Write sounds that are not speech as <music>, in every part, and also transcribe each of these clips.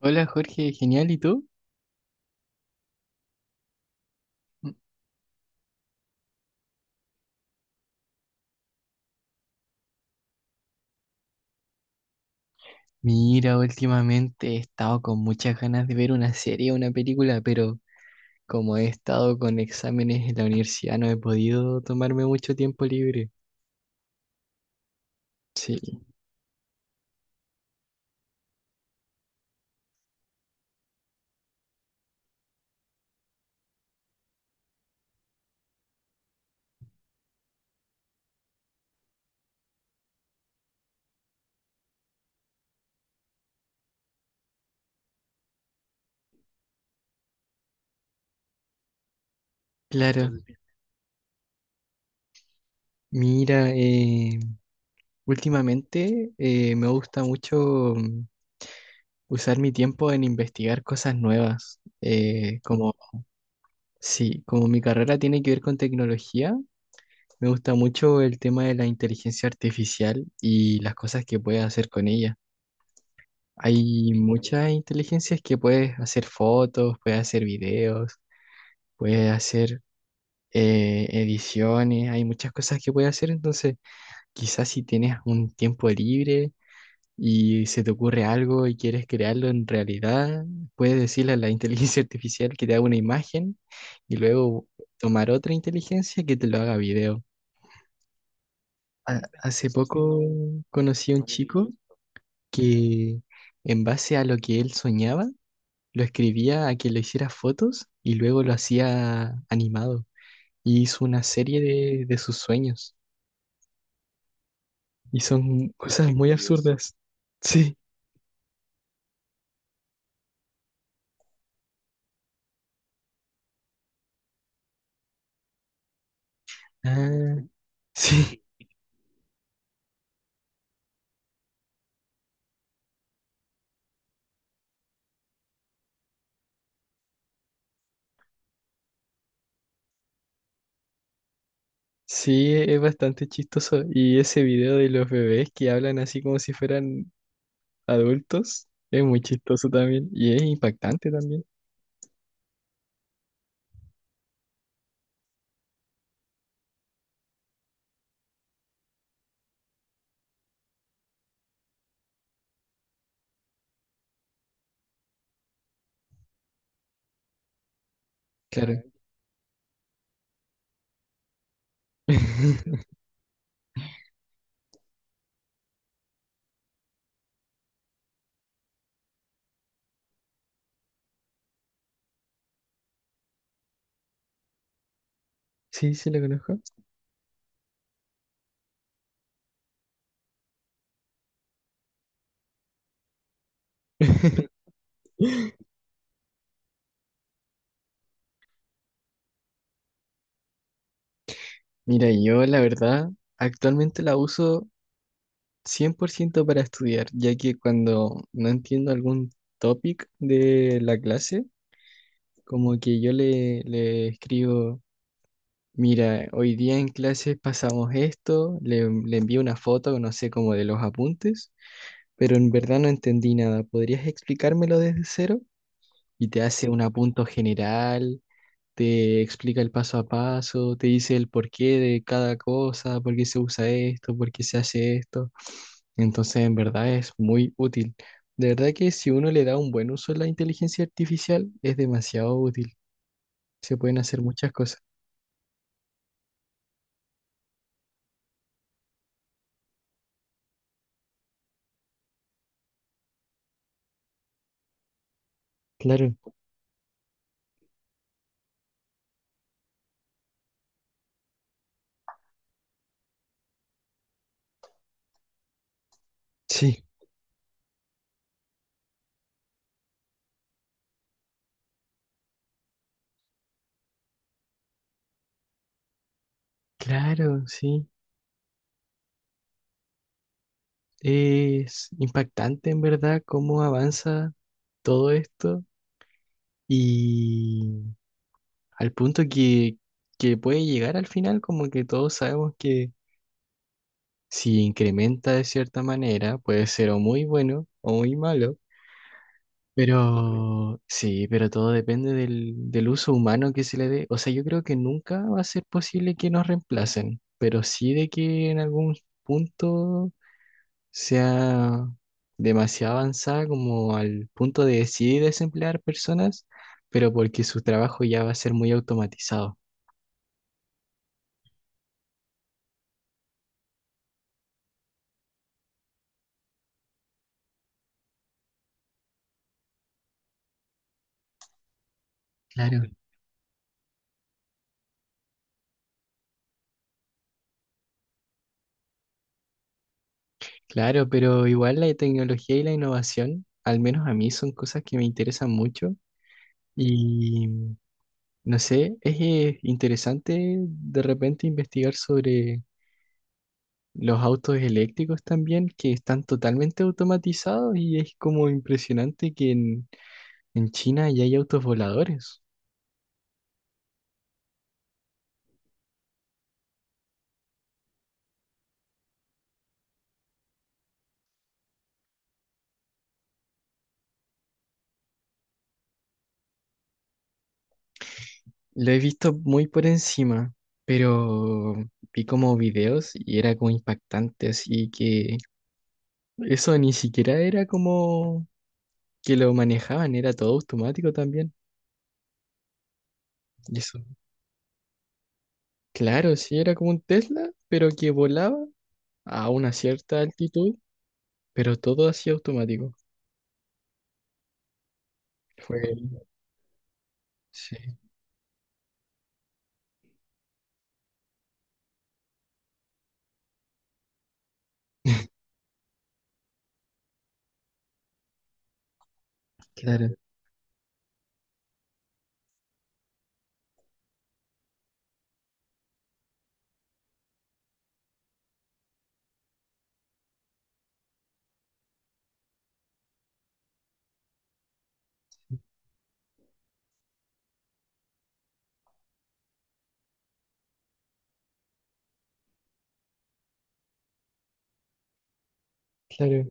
Hola Jorge, genial, ¿y tú? Mira, últimamente he estado con muchas ganas de ver una serie o una película, pero como he estado con exámenes en la universidad no he podido tomarme mucho tiempo libre. Sí, claro. Mira, últimamente me gusta mucho usar mi tiempo en investigar cosas nuevas. Como sí, como mi carrera tiene que ver con tecnología, me gusta mucho el tema de la inteligencia artificial y las cosas que puedes hacer con ella. Hay muchas inteligencias que puedes hacer fotos, puedes hacer videos, puedes hacer ediciones, hay muchas cosas que puedes hacer. Entonces, quizás si tienes un tiempo libre y se te ocurre algo y quieres crearlo en realidad, puedes decirle a la <laughs> inteligencia artificial que te haga una imagen y luego tomar otra inteligencia que te lo haga video. Hace poco conocí a un chico que, en base a lo que él soñaba, lo escribía a que le hiciera fotos y luego lo hacía animado. Y hizo una serie de sus sueños. Y son cosas muy absurdas. Sí, ah, <laughs> sí, sí, es bastante chistoso. Y ese video de los bebés que hablan así como si fueran adultos es muy chistoso también. Y es impactante también. Claro. <laughs> Sí, sí, lo conozco. <laughs> Mira, yo la verdad actualmente la uso 100% para estudiar, ya que cuando no entiendo algún topic de la clase, como que yo le escribo, mira, hoy día en clases pasamos esto, le envío una foto, no sé, como de los apuntes, pero en verdad no entendí nada, ¿podrías explicármelo desde cero? Y te hace un apunto general, te explica el paso a paso, te dice el porqué de cada cosa, por qué se usa esto, por qué se hace esto. Entonces, en verdad es muy útil. De verdad que si uno le da un buen uso a la inteligencia artificial, es demasiado útil. Se pueden hacer muchas cosas. Claro, sí, claro, sí. Es impactante en verdad cómo avanza todo esto y al punto que puede llegar al final, como que todos sabemos que si incrementa de cierta manera, puede ser o muy bueno o muy malo, pero sí, pero todo depende del uso humano que se le dé. O sea, yo creo que nunca va a ser posible que nos reemplacen, pero sí de que en algún punto sea demasiado avanzada como al punto de decidir desemplear personas, pero porque su trabajo ya va a ser muy automatizado. Claro. Claro, pero igual la tecnología y la innovación, al menos a mí, son cosas que me interesan mucho. Y no sé, es interesante de repente investigar sobre los autos eléctricos también, que están totalmente automatizados, y es como impresionante que en China ya hay autos voladores. Lo he visto muy por encima, pero vi como videos y era como impactante, así que eso ni siquiera era como que lo manejaban, era todo automático también. Y eso, claro, sí era como un Tesla, pero que volaba a una cierta altitud, pero todo así automático. Fue, sí, claro, claro.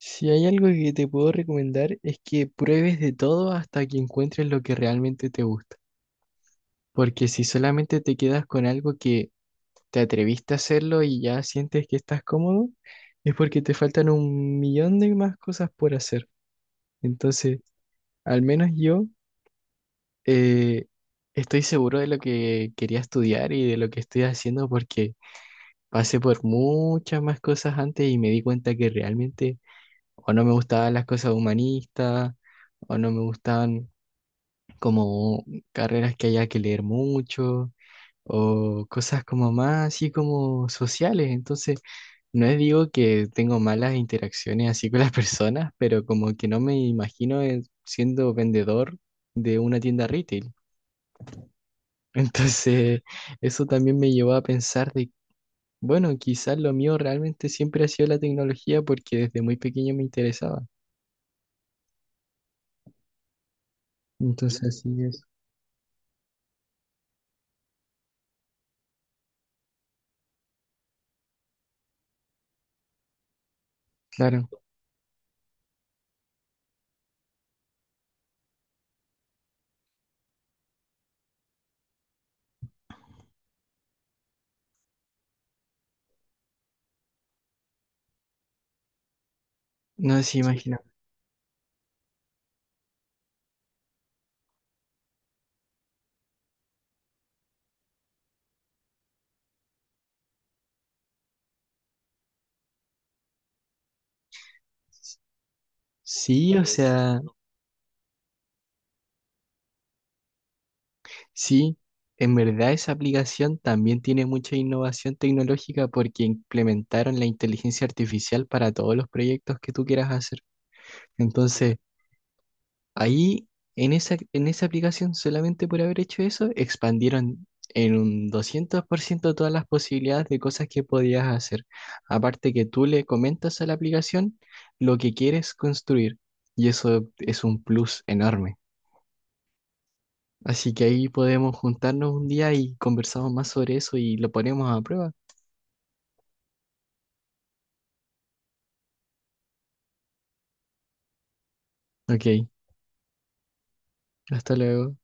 Si hay algo que te puedo recomendar es que pruebes de todo hasta que encuentres lo que realmente te gusta. Porque si solamente te quedas con algo que te atreviste a hacerlo y ya sientes que estás cómodo, es porque te faltan un millón de más cosas por hacer. Entonces, al menos yo eh, estoy seguro de lo que quería estudiar y de lo que estoy haciendo porque pasé por muchas más cosas antes y me di cuenta que realmente o no me gustaban las cosas humanistas, o no me gustaban como carreras que haya que leer mucho, o cosas como más así como sociales. Entonces, no es digo que tengo malas interacciones así con las <laughs> personas, pero como que no me imagino siendo vendedor de una tienda retail. <laughs> Entonces, eso también me llevó a pensar de bueno, quizás lo mío realmente siempre ha sido la tecnología porque desde muy pequeño me interesaba. Entonces, así es. Claro, no se imagina. Sí, o sea, sí, en verdad esa aplicación también tiene mucha innovación tecnológica porque implementaron la inteligencia artificial para todos los proyectos que tú quieras hacer. Entonces, ahí, en esa aplicación, solamente por haber hecho eso, expandieron en un 200% todas las posibilidades de cosas que podías hacer. Aparte que tú le comentas a la aplicación lo que quieres construir y eso es un plus enorme. Así que ahí podemos juntarnos un día y conversamos más sobre eso y lo ponemos a prueba. Ok, hasta luego.